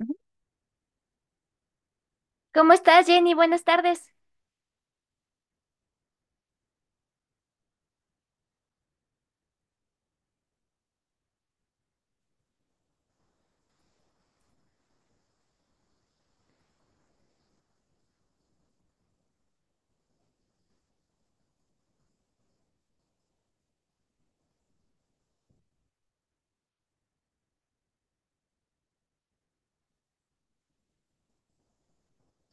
Ujú. ¿Cómo estás, Jenny? Buenas tardes.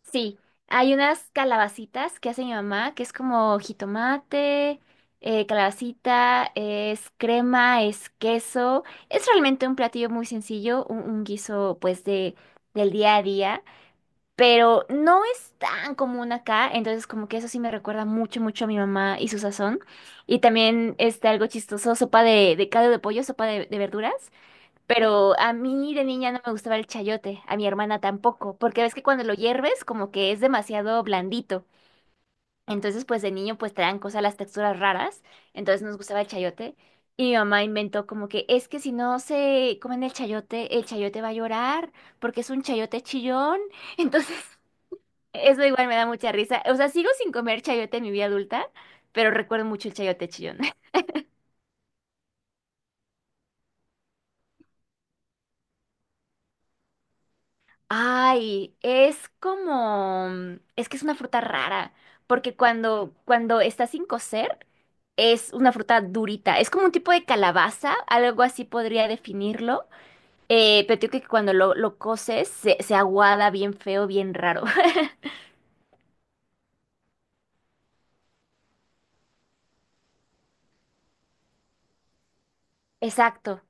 Sí, hay unas calabacitas que hace mi mamá, que es como jitomate, calabacita, es crema, es queso. Es realmente un platillo muy sencillo, un guiso pues del día a día, pero no es tan común acá, entonces como que eso sí me recuerda mucho, mucho a mi mamá y su sazón. Y también está algo chistoso, sopa de caldo de pollo, sopa de verduras. Pero a mí de niña no me gustaba el chayote, a mi hermana tampoco, porque ves que cuando lo hierves como que es demasiado blandito. Entonces, pues de niño pues traen cosas las texturas raras, entonces nos gustaba el chayote. Y mi mamá inventó como que es que si no se comen el chayote va a llorar porque es un chayote chillón. Entonces, eso igual me da mucha risa. O sea, sigo sin comer chayote en mi vida adulta, pero recuerdo mucho el chayote chillón. Ay, es como, mm, es que es una fruta rara, porque cuando está sin cocer, es una fruta durita. Es como un tipo de calabaza, algo así podría definirlo. Pero digo que cuando lo coces, se aguada bien feo, bien raro. Exacto.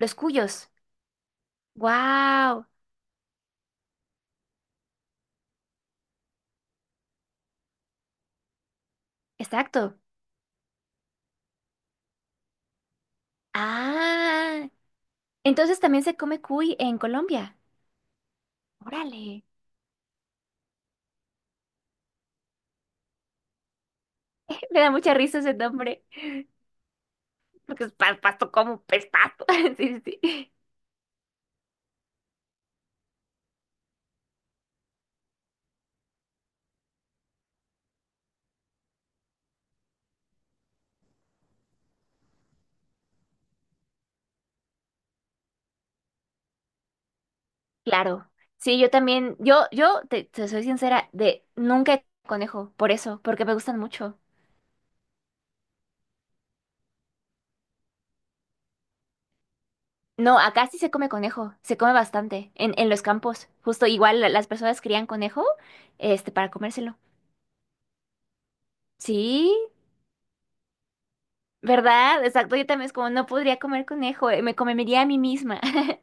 Los cuyos. Wow. Exacto. Ah. Entonces también se come cuy en Colombia. Órale. Me da mucha risa ese nombre. Porque es pasto como pestazo. Sí, sí. sí. Claro, sí, yo también, yo te soy sincera, de nunca he comido conejo, por eso, porque me gustan mucho. No, acá sí se come conejo, se come bastante, en los campos, justo igual las personas crían conejo, este, para comérselo. Sí, ¿verdad? Exacto, yo también es como, no podría comer conejo, me comería a mí misma.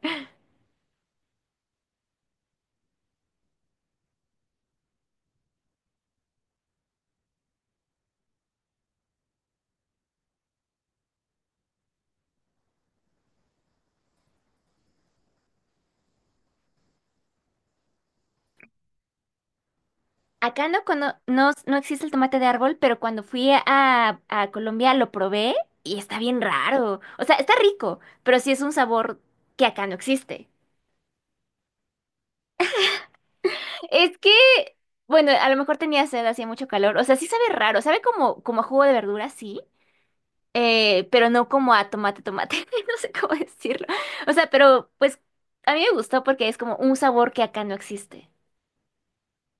Acá no, no, no existe el tomate de árbol, pero cuando fui a Colombia lo probé y está bien raro. O sea, está rico, pero sí es un sabor que acá no existe. Es que, bueno, a lo mejor tenía sed, hacía mucho calor. O sea, sí sabe raro, sabe como a jugo de verdura, sí, pero no como a tomate, tomate. No sé cómo decirlo. O sea, pero pues a mí me gustó porque es como un sabor que acá no existe.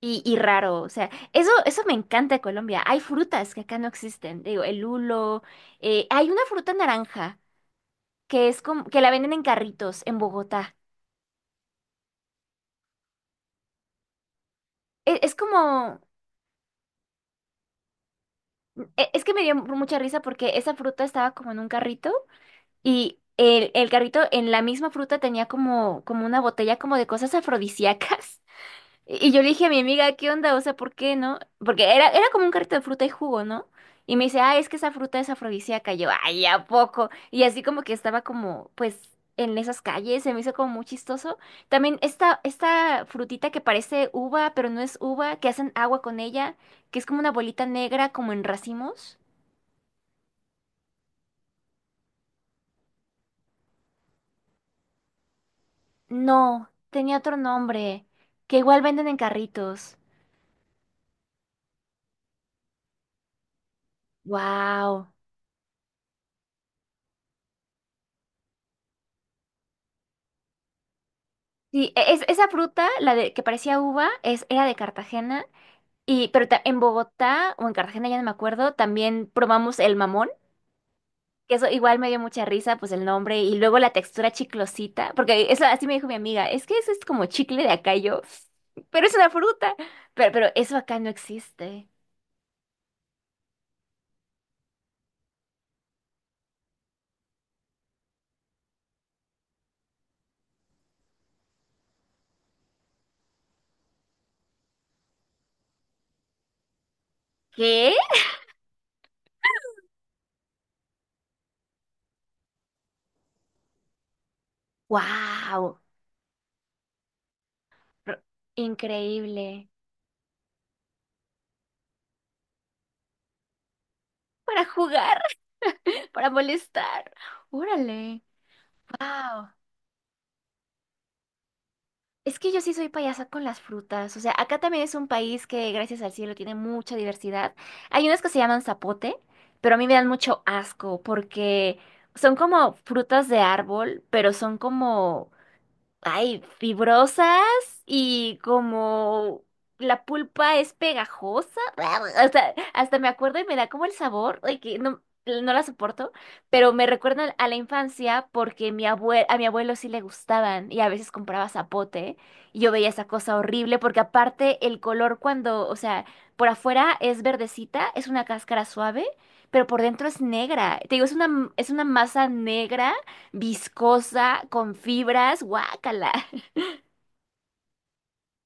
Y raro, o sea, eso me encanta de Colombia. Hay frutas que acá no existen. Digo, el lulo. Eh, hay una fruta naranja que es como, que la venden en carritos en Bogotá. E- Es, como, es que me dio mucha risa porque esa fruta estaba como en un carrito. Y el carrito en la misma fruta tenía como, como una botella como de cosas afrodisíacas. Y yo le dije a mi amiga, ¿qué onda? O sea, ¿por qué no? Porque era, era como un carrito de fruta y jugo, ¿no? Y me dice, ah, es que esa fruta es afrodisíaca. Y yo, ay, ¿a poco? Y así como que estaba como, pues, en esas calles, se me hizo como muy chistoso. También esta frutita que parece uva, pero no es uva, que hacen agua con ella, que es como una bolita negra, como en racimos. No, tenía otro nombre, que igual venden en carritos. Wow. Sí, esa fruta, la de que parecía uva, es, era de Cartagena, y, pero en Bogotá o en Cartagena, ya no me acuerdo, también probamos el mamón, que eso igual me dio mucha risa, pues el nombre, y luego la textura chiclosita, porque eso así me dijo mi amiga, es que eso es como chicle de acá, y yo, pero es una fruta, pero eso acá no existe. ¿Qué? Wow. Increíble. Para jugar, para molestar. Órale, wow. Es que yo sí soy payasa con las frutas. O sea, acá también es un país que, gracias al cielo, tiene mucha diversidad. Hay unas que se llaman zapote, pero a mí me dan mucho asco porque son como frutas de árbol, pero son como ay, fibrosas y como la pulpa es pegajosa. Hasta, hasta me acuerdo y me da como el sabor, ay, que no, no la soporto, pero me recuerdan a la infancia porque mi a mi abuelo sí le gustaban y a veces compraba zapote y yo veía esa cosa horrible porque aparte el color cuando, o sea, por afuera es verdecita, es una cáscara suave, pero por dentro es negra. Te digo, es una masa negra viscosa, con fibras, guácala.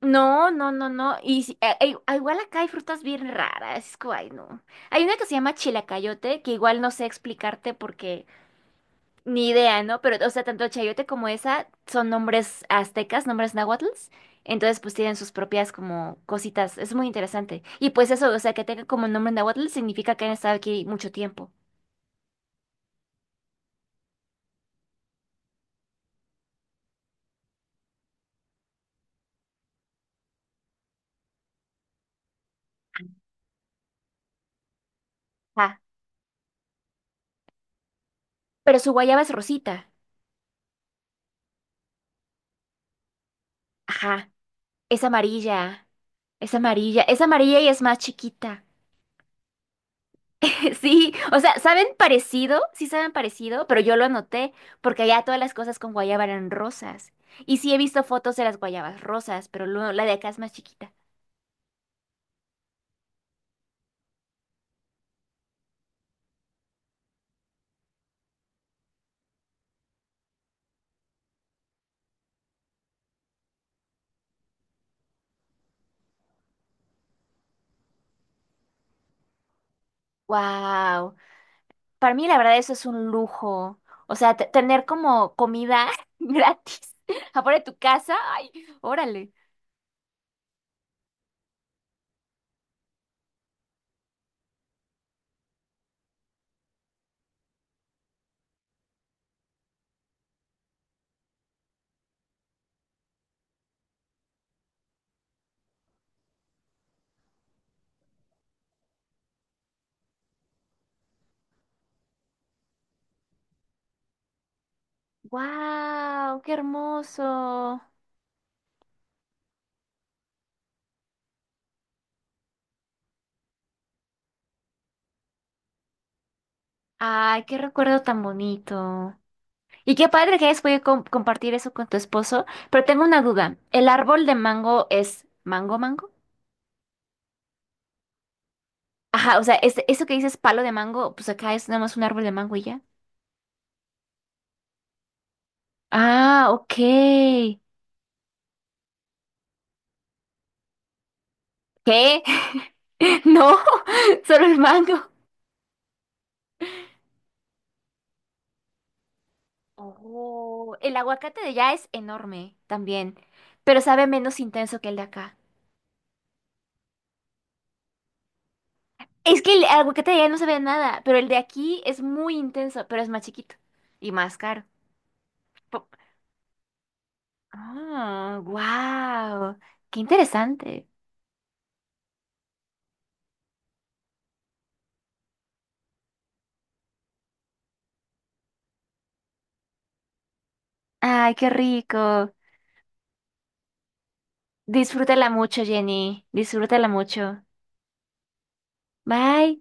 No, no, no, no. Y igual acá hay frutas bien raras. Es como, ay, no. Hay una que se llama chilacayote, que igual no sé explicarte porque ni idea, ¿no? Pero, o sea, tanto el chayote como esa son nombres aztecas, nombres náhuatl. Entonces, pues tienen sus propias como cositas. Es muy interesante. Y pues eso, o sea, que tenga como nombre náhuatl significa que han estado aquí mucho tiempo. Ajá. Pero su guayaba es rosita. Ajá. Es amarilla, es amarilla, es amarilla y es más chiquita. Sí, o sea, saben parecido, sí saben parecido, pero yo lo anoté porque allá todas las cosas con guayaba eran rosas. Y sí he visto fotos de las guayabas rosas, pero la de acá es más chiquita. Wow, para mí la verdad eso es un lujo. O sea, tener como comida gratis afuera de tu casa, ay, órale. Wow, qué hermoso. Ay, qué recuerdo tan bonito. Y qué padre que hayas podido compartir eso con tu esposo, pero tengo una duda. ¿El árbol de mango es mango mango? Ajá, o sea, es, eso que dices palo de mango, pues acá es nada más un árbol de mango y ya. Ah, ok. ¿Qué? No, solo el mango. Oh, el aguacate de allá es enorme también, pero sabe menos intenso que el de acá. Es que el aguacate de allá no sabe a nada, pero el de aquí es muy intenso, pero es más chiquito y más caro. Ah, wow. Qué interesante. Ay, qué rico. Disfrútala mucho, Jenny. Disfrútala mucho. Bye.